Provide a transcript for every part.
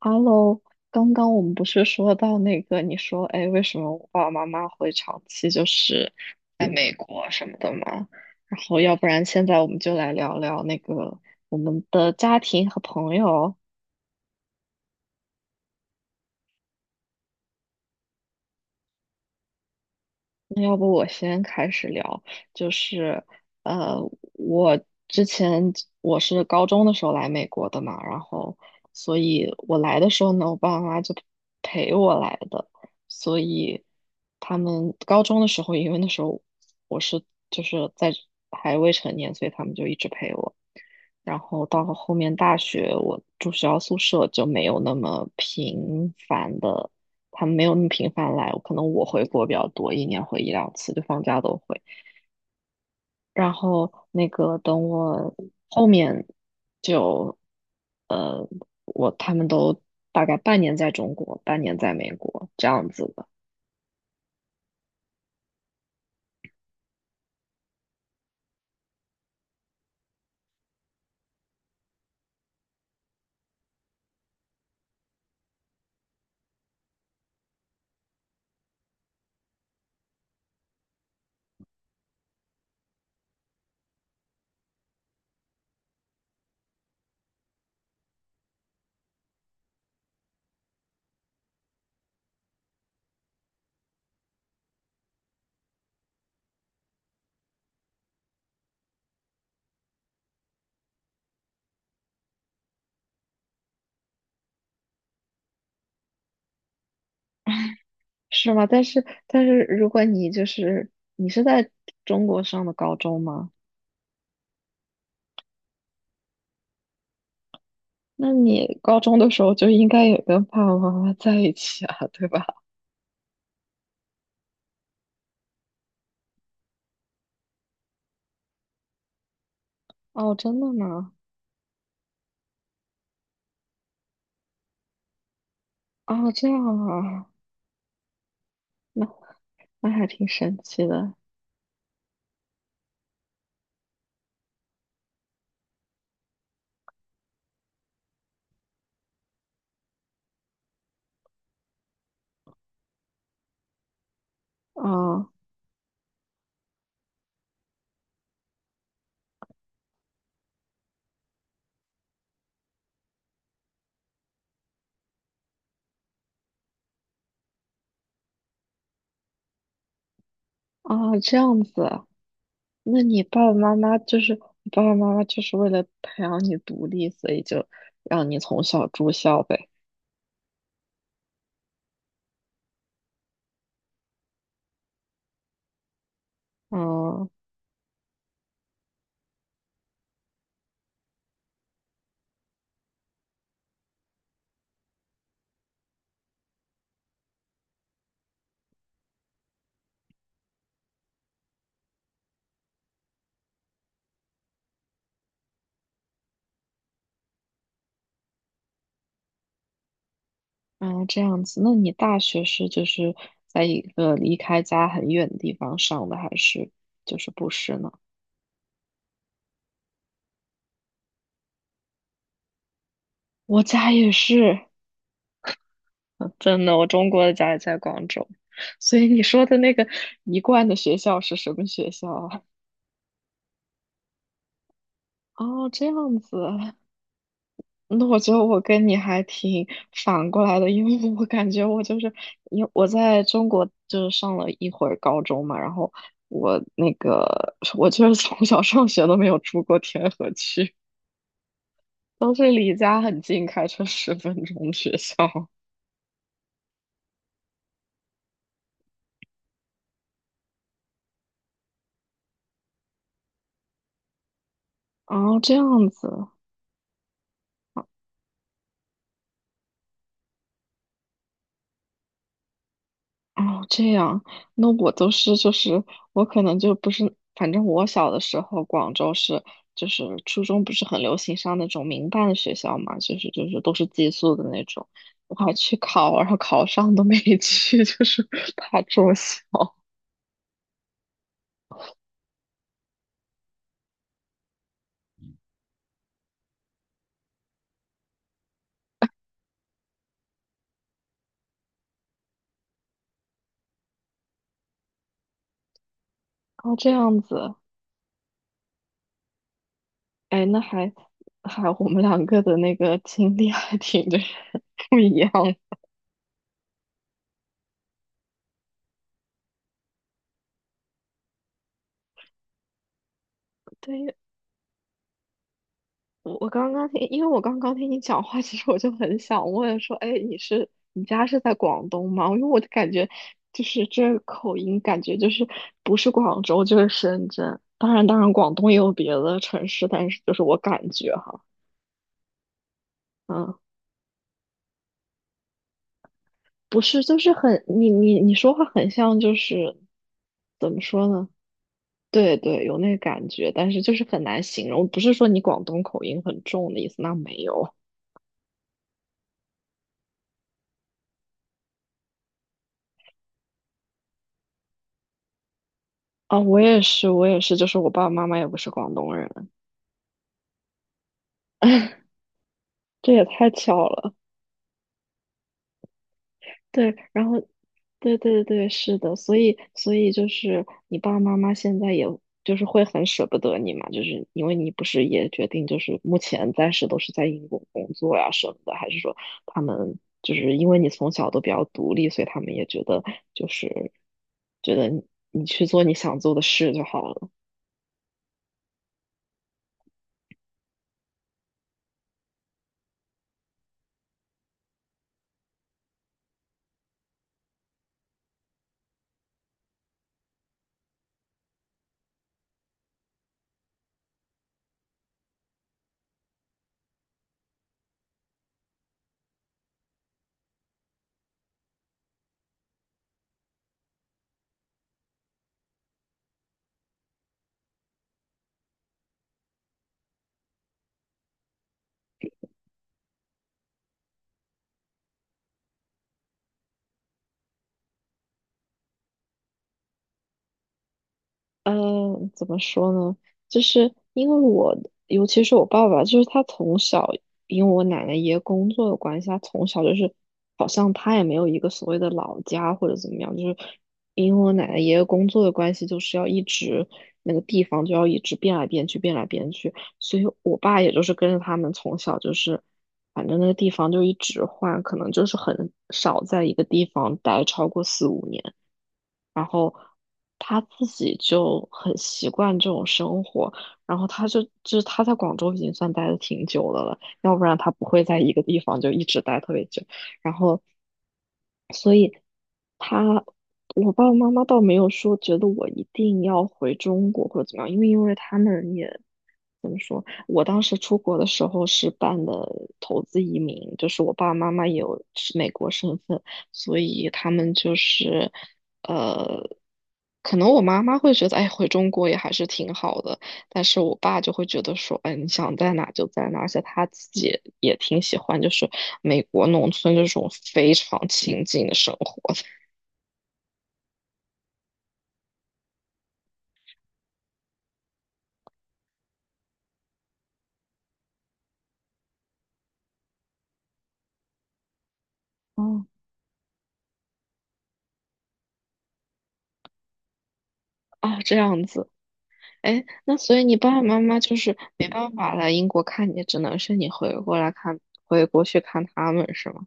Hello，刚刚我们不是说到那个，你说，哎，为什么我爸爸妈妈会长期就是在美国什么的吗？然后，要不然现在我们就来聊聊那个我们的家庭和朋友。那要不我先开始聊，就是呃，我之前我是高中的时候来美国的嘛，然后所以我来的时候呢，我爸爸妈妈就陪我来的，所以他们高中的时候，因为那时候我是就是在还未成年，所以他们就一直陪我。然后到后面大学，我住学校宿舍就没有那么频繁的。他们没有那么频繁来，可能我回国比较多，一年回一两次，就放假都回。然后那个等我后面就呃，我他们都大概半年在中国，半年在美国这样子的。是吗？但是如果你就是你是在中国上的高中吗？那你高中的时候就应该也跟爸爸妈妈在一起啊，对吧？哦，真的吗？哦，这样啊，那那还挺神奇的。啊啊，这样子，那你爸爸妈妈就是你爸爸妈妈就是为了培养你独立，所以就让你从小住校呗。嗯嗯，这样子，那你大学是就是在一个离开家很远的地方上的，还是就是不是呢？我家也是。嗯真的，我中国的家也在广州，所以你说的那个一贯的学校是什么学校啊？哦，这样子。那我觉得我跟你还挺反过来的，因为我感觉我就是，因为我在中国就是上了一会儿高中嘛，然后我那个 我就是从小上学都没有出过天河区，都是离家很近，开车十分钟学校。哦，这样子。哦，这样，那我都是就是我可能就不是，反正我小的时候，广州是就是初中不是很流行上那种民办学校嘛，就是都是寄宿的那种，我还去考，然后考上都没 去，就是怕住校。哦，这样子，哎，那还我们两个的那个经历还挺 这样，对，我刚刚听，因为我刚刚听你讲话，其实我就很想问说，哎，你是你家是在广东吗？因为我就感觉就是这个口音，感觉就是不是广州就是深圳。当然，当然，广东也有别的城市，但是就是我感觉哈，嗯，不是，就是很你说话很像，就是怎么说呢？对对，有那个感觉，但是就是很难形容。不是说你广东口音很重的意思，那没有。啊、我也是，我也是，就是我爸爸妈妈也不是广东人。这也太巧了，对，然后，对对对，是的，所以所以就是你爸爸妈妈现在也就是会很舍不得你嘛，就是因为你不是也决定就是目前暂时都是在英国工作呀什么的，还是说他们就是因为你从小都比较独立，所以他们也觉得就是觉得你你去做你想做的事就好了。嗯，怎么说呢？就是因为我，尤其是我爸爸，就是他从小，因为我奶奶爷爷工作的关系，他从小就是好像他也没有一个所谓的老家或者怎么样，就是因为我奶奶爷爷工作的关系，就是要一直那个地方就要一直变来变去，变来变去，所以我爸也就是跟着他们从小就是，反正那个地方就一直换，可能就是很少在一个地方待超过四五年。然后他自己就很习惯这种生活，然后他就是他在广州已经算待的挺久的了，要不然他不会在一个地方就一直待特别久。然后。所以。他，我爸爸妈妈倒没有说觉得我一定要回中国或者怎么样，因为他们也怎么说，我当时出国的时候是办的投资移民，就是我爸爸妈妈也有是美国身份，所以他们就是呃，可能我妈妈会觉得，哎，回中国也还是挺好的，但是我爸就会觉得说，哎，你想在哪就在哪，而且他自己也挺喜欢，就是美国农村这种非常清静的生活。哦，啊，这样子，哎，那所以你爸爸妈妈就是没办法来英国看你，只能是你回过来看，回国去看他们是吗？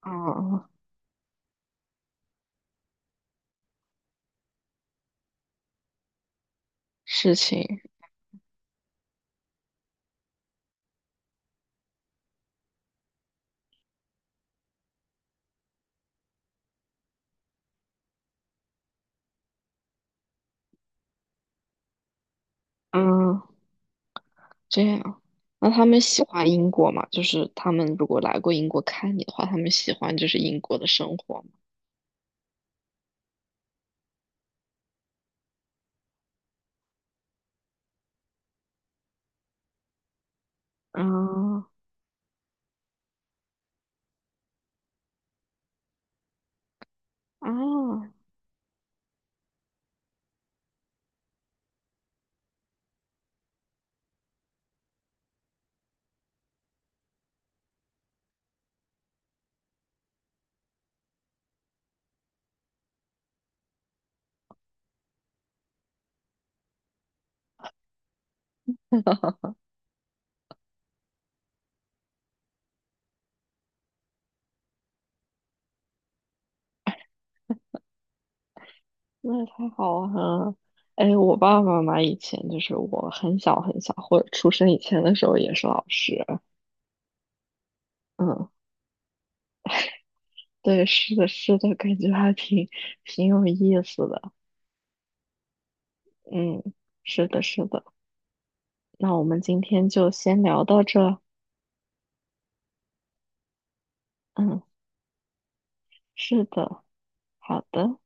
啊，事情，啊，这样，那他们喜欢英国吗？就是他们如果来过英国看你的话，他们喜欢就是英国的生活吗？啊啊，那也太好玩了！哎，我爸爸妈妈以前就是我很小很小，或者出生以前的时候也是老师，嗯。对，是的，是的，感觉还挺挺有意思的。嗯，是的，是的。那我们今天就先聊到这。嗯，是的，好的。